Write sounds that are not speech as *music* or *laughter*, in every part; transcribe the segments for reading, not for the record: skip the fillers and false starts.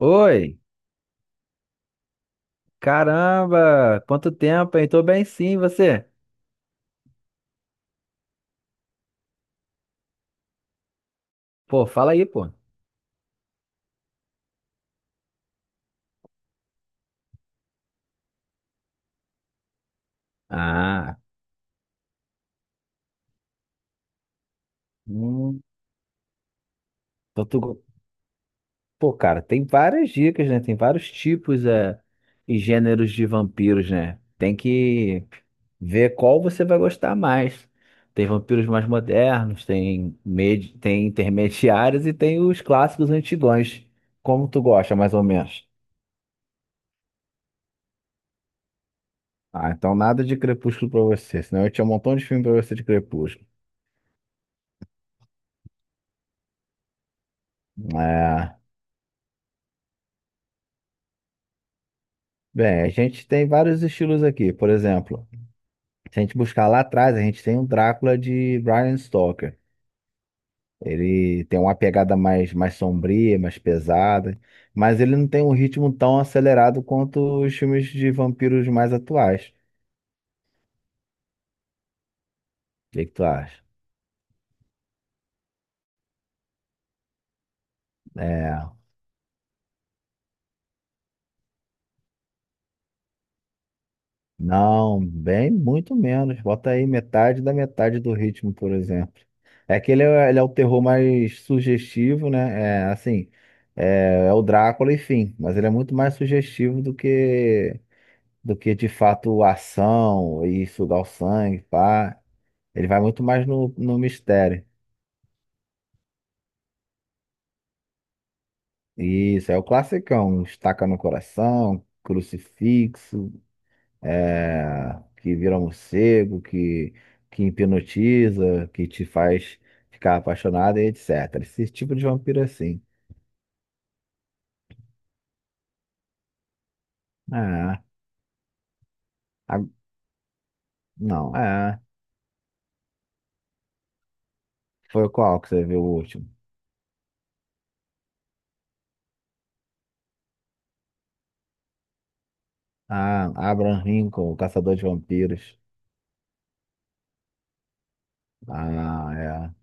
Oi, caramba, quanto tempo, hein? Tô bem sim, e você? Pô, fala aí, pô. Ah, hum, então tu... Pô, cara, tem várias dicas, né? Tem vários tipos e gêneros de vampiros, né? Tem que ver qual você vai gostar mais. Tem vampiros mais modernos, tem intermediários e tem os clássicos antigões. Como tu gosta, mais ou menos? Ah, então nada de Crepúsculo pra você, senão eu tinha um montão de filme pra você de Crepúsculo. É. Bem, a gente tem vários estilos aqui. Por exemplo, se a gente buscar lá atrás, a gente tem o Drácula de Bram Stoker. Ele tem uma pegada mais sombria, mais pesada, mas ele não tem um ritmo tão acelerado quanto os filmes de vampiros mais atuais. O que que tu acha? É. Não, bem muito menos. Bota aí metade da metade do ritmo, por exemplo. É que ele é o terror mais sugestivo, né? É assim, é o Drácula, enfim, mas ele é muito mais sugestivo do que de fato ação e sugar o sangue, pá. Ele vai muito mais no mistério. Isso, é o classicão, estaca no coração, crucifixo. É, que vira morcego, que hipnotiza, que te faz ficar apaixonada e etc. Esse tipo de vampiro é assim. Ah, a- não, é. Foi qual que você viu o último? Ah, Abraham Lincoln, o Caçador de Vampiros. Ah, é.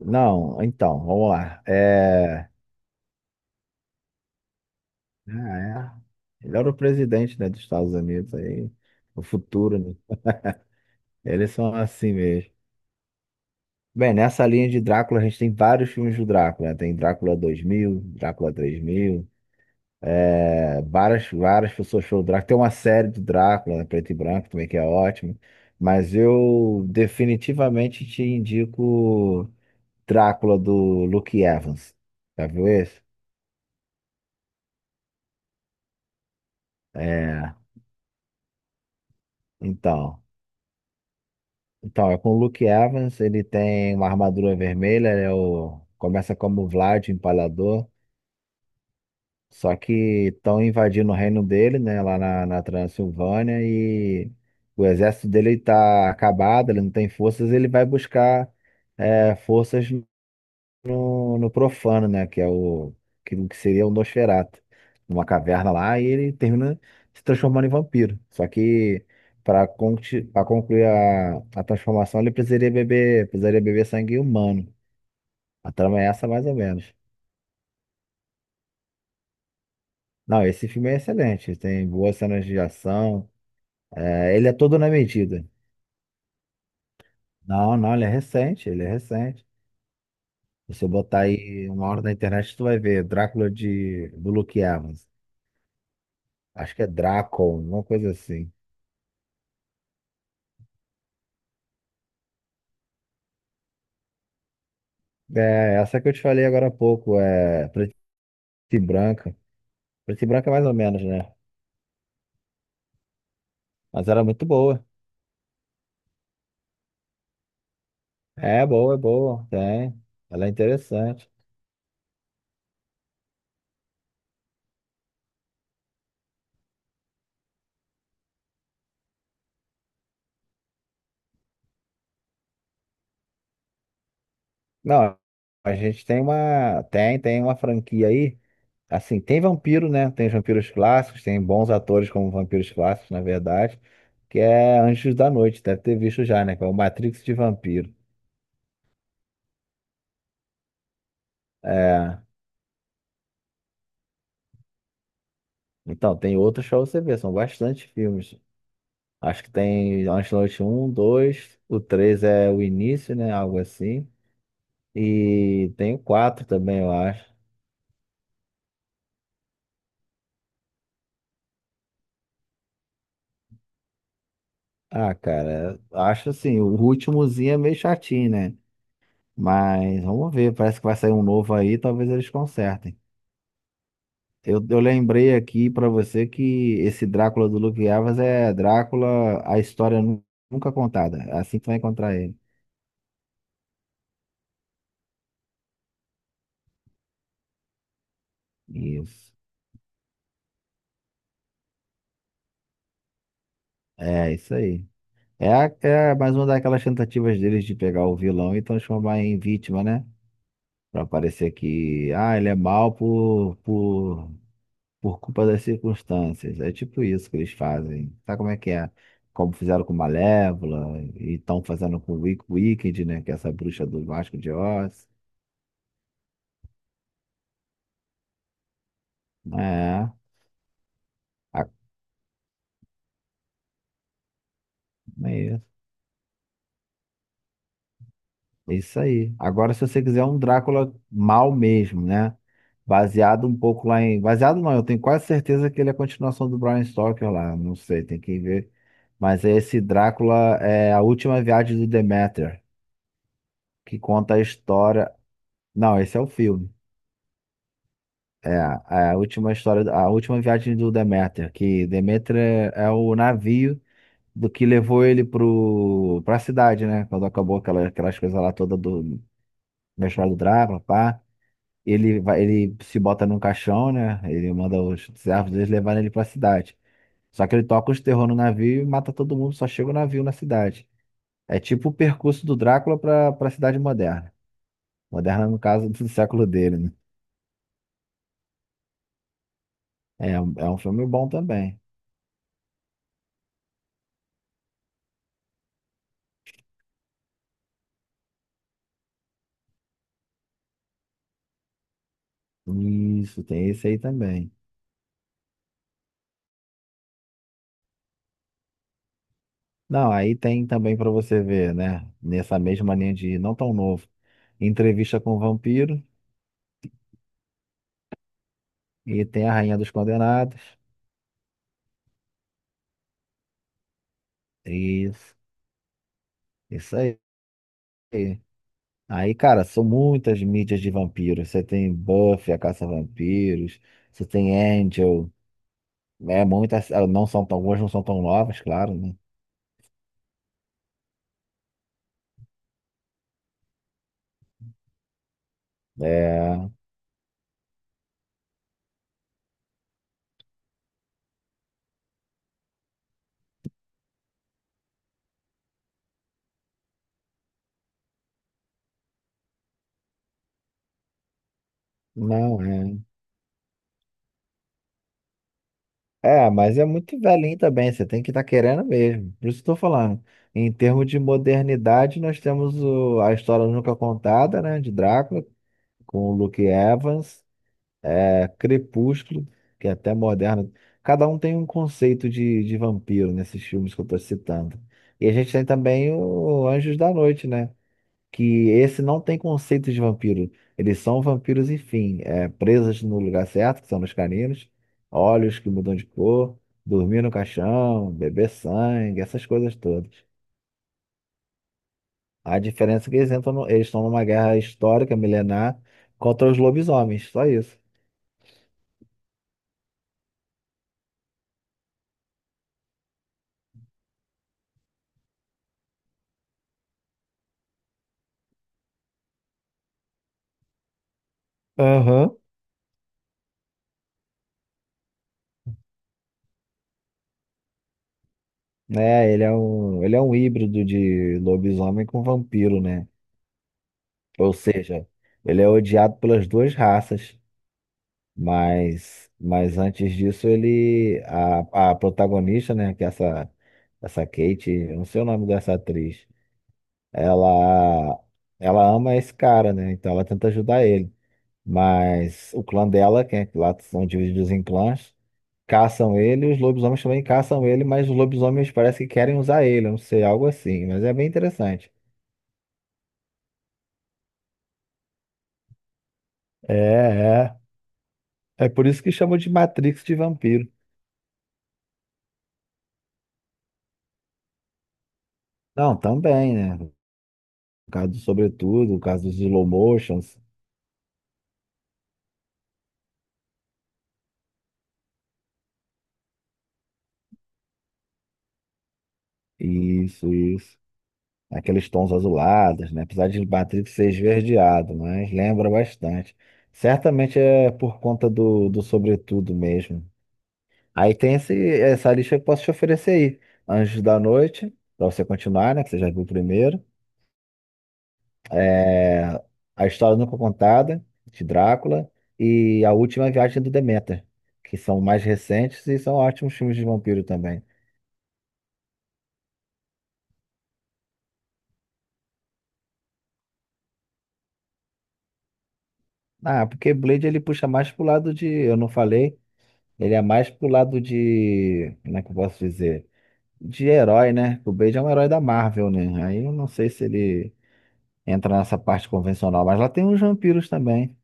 Não, então, vamos lá. É, ah, é. Ele era o presidente, né, dos Estados Unidos aí, o futuro, né? Eles são assim mesmo. Bem, nessa linha de Drácula, a gente tem vários filmes do Drácula, né? Tem Drácula 2000, Drácula 3000, é, várias pessoas falam do Drácula. Tem uma série do Drácula, né? Preto e branco também, que é ótimo. Mas eu definitivamente te indico Drácula do Luke Evans. Já viu esse? É, então. Então, é com o Luke Evans, ele tem uma armadura vermelha, começa como Vlad, o Empalador. Só que estão invadindo o reino dele, né, lá na Transilvânia, e o exército dele está acabado, ele não tem forças, ele vai buscar forças no profano, né, que é o que seria o Nosferatu, numa caverna lá, e ele termina se transformando em vampiro. Só que para concluir a transformação, ele precisaria beber sangue humano. A trama é essa, mais ou menos. Não, esse filme é excelente. Tem boas cenas de ação. É, ele é todo na medida. Não, não, ele é recente, ele é recente. Se você botar aí uma hora na internet, tu vai ver Drácula do Luke Evans. Acho que é Drácula, uma coisa assim. É, essa que eu te falei agora há pouco, é preta e branca. Preta e branca é mais ou menos, né? Mas era muito boa. É boa, é boa, tem. Ela é interessante. Não, a gente tem tem uma franquia aí. Assim, tem vampiro, né? Tem os vampiros clássicos, tem bons atores como vampiros clássicos, na verdade, que é Anjos da Noite, deve ter visto já, né? Que é o Matrix de vampiro. É. Então, tem outros pra você ver, são bastante filmes. Acho que tem Anjos da Noite um 2 o 3 é o início, né? Algo assim. E tem o 4 também, eu acho. Ah, cara, acho assim, o últimozinho é meio chatinho, né? Mas vamos ver, parece que vai sair um novo aí, talvez eles consertem. Eu lembrei aqui pra você que esse Drácula do Luke Evans é Drácula, a história nunca contada. É assim que tu vai encontrar ele. Isso. É, isso aí. É. É mais uma daquelas tentativas deles de pegar o vilão e transformar em vítima, né? Pra parecer que, ah, ele é mal por culpa das circunstâncias. É tipo isso que eles fazem. Sabe como é que é? Como fizeram com Malévola e estão fazendo com Wicked, né? Que é essa bruxa do Vasco de Oz. É. A- É é isso aí. Agora, se você quiser um Drácula mal mesmo, né? Baseado um pouco lá em. Baseado não, eu tenho quase certeza que ele é a continuação do Bram Stoker lá. Não sei, tem que ver. Mas é esse Drácula é a última viagem do Demeter, que conta a história. Não, esse é o filme. É a última história, a última viagem do Demeter, que Demeter é o navio do que levou ele para a cidade, né? Quando acabou aquela, aquelas coisas lá toda do, Mestre do Drácula, pá. Ele vai, ele se bota num caixão, né? Ele manda os servos deles levarem ele pra cidade. Só que ele toca os terror no navio e mata todo mundo, só chega o navio na cidade. É tipo o percurso do Drácula pra cidade moderna. Moderna, no caso, do *laughs* século dele, né? É. É um filme bom também. Isso, tem esse aí também. Não, aí tem também pra você ver, né? Nessa mesma linha de não tão novo. Entrevista com o Vampiro e tem a Rainha dos Condenados. Isso, isso aí. Aí, cara, são muitas mídias de vampiros. Você tem Buffy, a Caça-Vampiros, você tem Angel. Muitas, ah, algumas não são tão novas, claro, né? É, não, é. É, mas é muito velhinho também, você tem que estar querendo mesmo. Por isso que eu tô falando. Em termos de modernidade, nós temos a história nunca contada, né? De Drácula, com o Luke Evans. É, Crepúsculo, que é até moderno. Cada um tem um conceito de vampiro nesses filmes que eu estou citando. E a gente tem também o Anjos da Noite, né? Que esse não tem conceito de vampiro. Eles são vampiros, enfim, é, presas no lugar certo, que são nos caninos, olhos que mudam de cor, dormir no caixão, beber sangue, essas coisas todas. A diferença é que eles entram eles estão numa guerra histórica, milenar, contra os lobisomens, só isso. Aham. Né? Ele é um híbrido de lobisomem com vampiro, né? Ou seja, ele é odiado pelas duas raças, mas antes disso a protagonista, né? Que é essa Kate, eu não sei o nome dessa atriz, ela, ela ama esse cara, né? Então ela tenta ajudar ele. Mas o clã dela, que é, lá são divididos em clãs, caçam ele, os lobisomens também caçam ele, mas os lobisomens parece que querem usar ele, eu não sei, algo assim, mas é bem interessante. É, é. É por isso que chamam de Matrix de vampiro. Não, também, né? O caso do Sobretudo, o caso dos slow motions, isso, isso. Aqueles tons azulados, né? Apesar de Matrix ser esverdeado, mas lembra bastante. Certamente é por conta do Sobretudo mesmo. Aí tem essa lista que eu posso te oferecer aí. Anjos da Noite, pra você continuar, né? Que você já viu o primeiro. É, A História Nunca Contada, de Drácula. E A Última Viagem do Deméter, que são mais recentes e são ótimos filmes de vampiro também. Ah, porque Blade ele puxa mais pro lado de. Eu não falei, ele é mais pro lado de. Como é que eu posso dizer? De herói, né? O Blade é um herói da Marvel, né? Aí eu não sei se ele entra nessa parte convencional, mas lá tem uns vampiros também.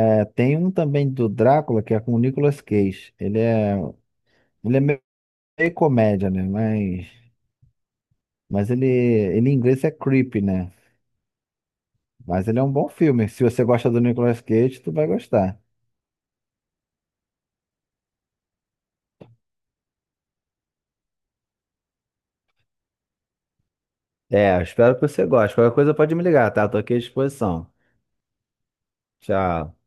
É, tem um também do Drácula que é com o Nicolas Cage. Ele é meio comédia, né? Mas ele em inglês é creepy, né? Mas ele é um bom filme. Se você gosta do Nicolas Cage, tu vai gostar. É, eu espero que você goste. Qualquer coisa pode me ligar, tá? Tô aqui à disposição. Tchau.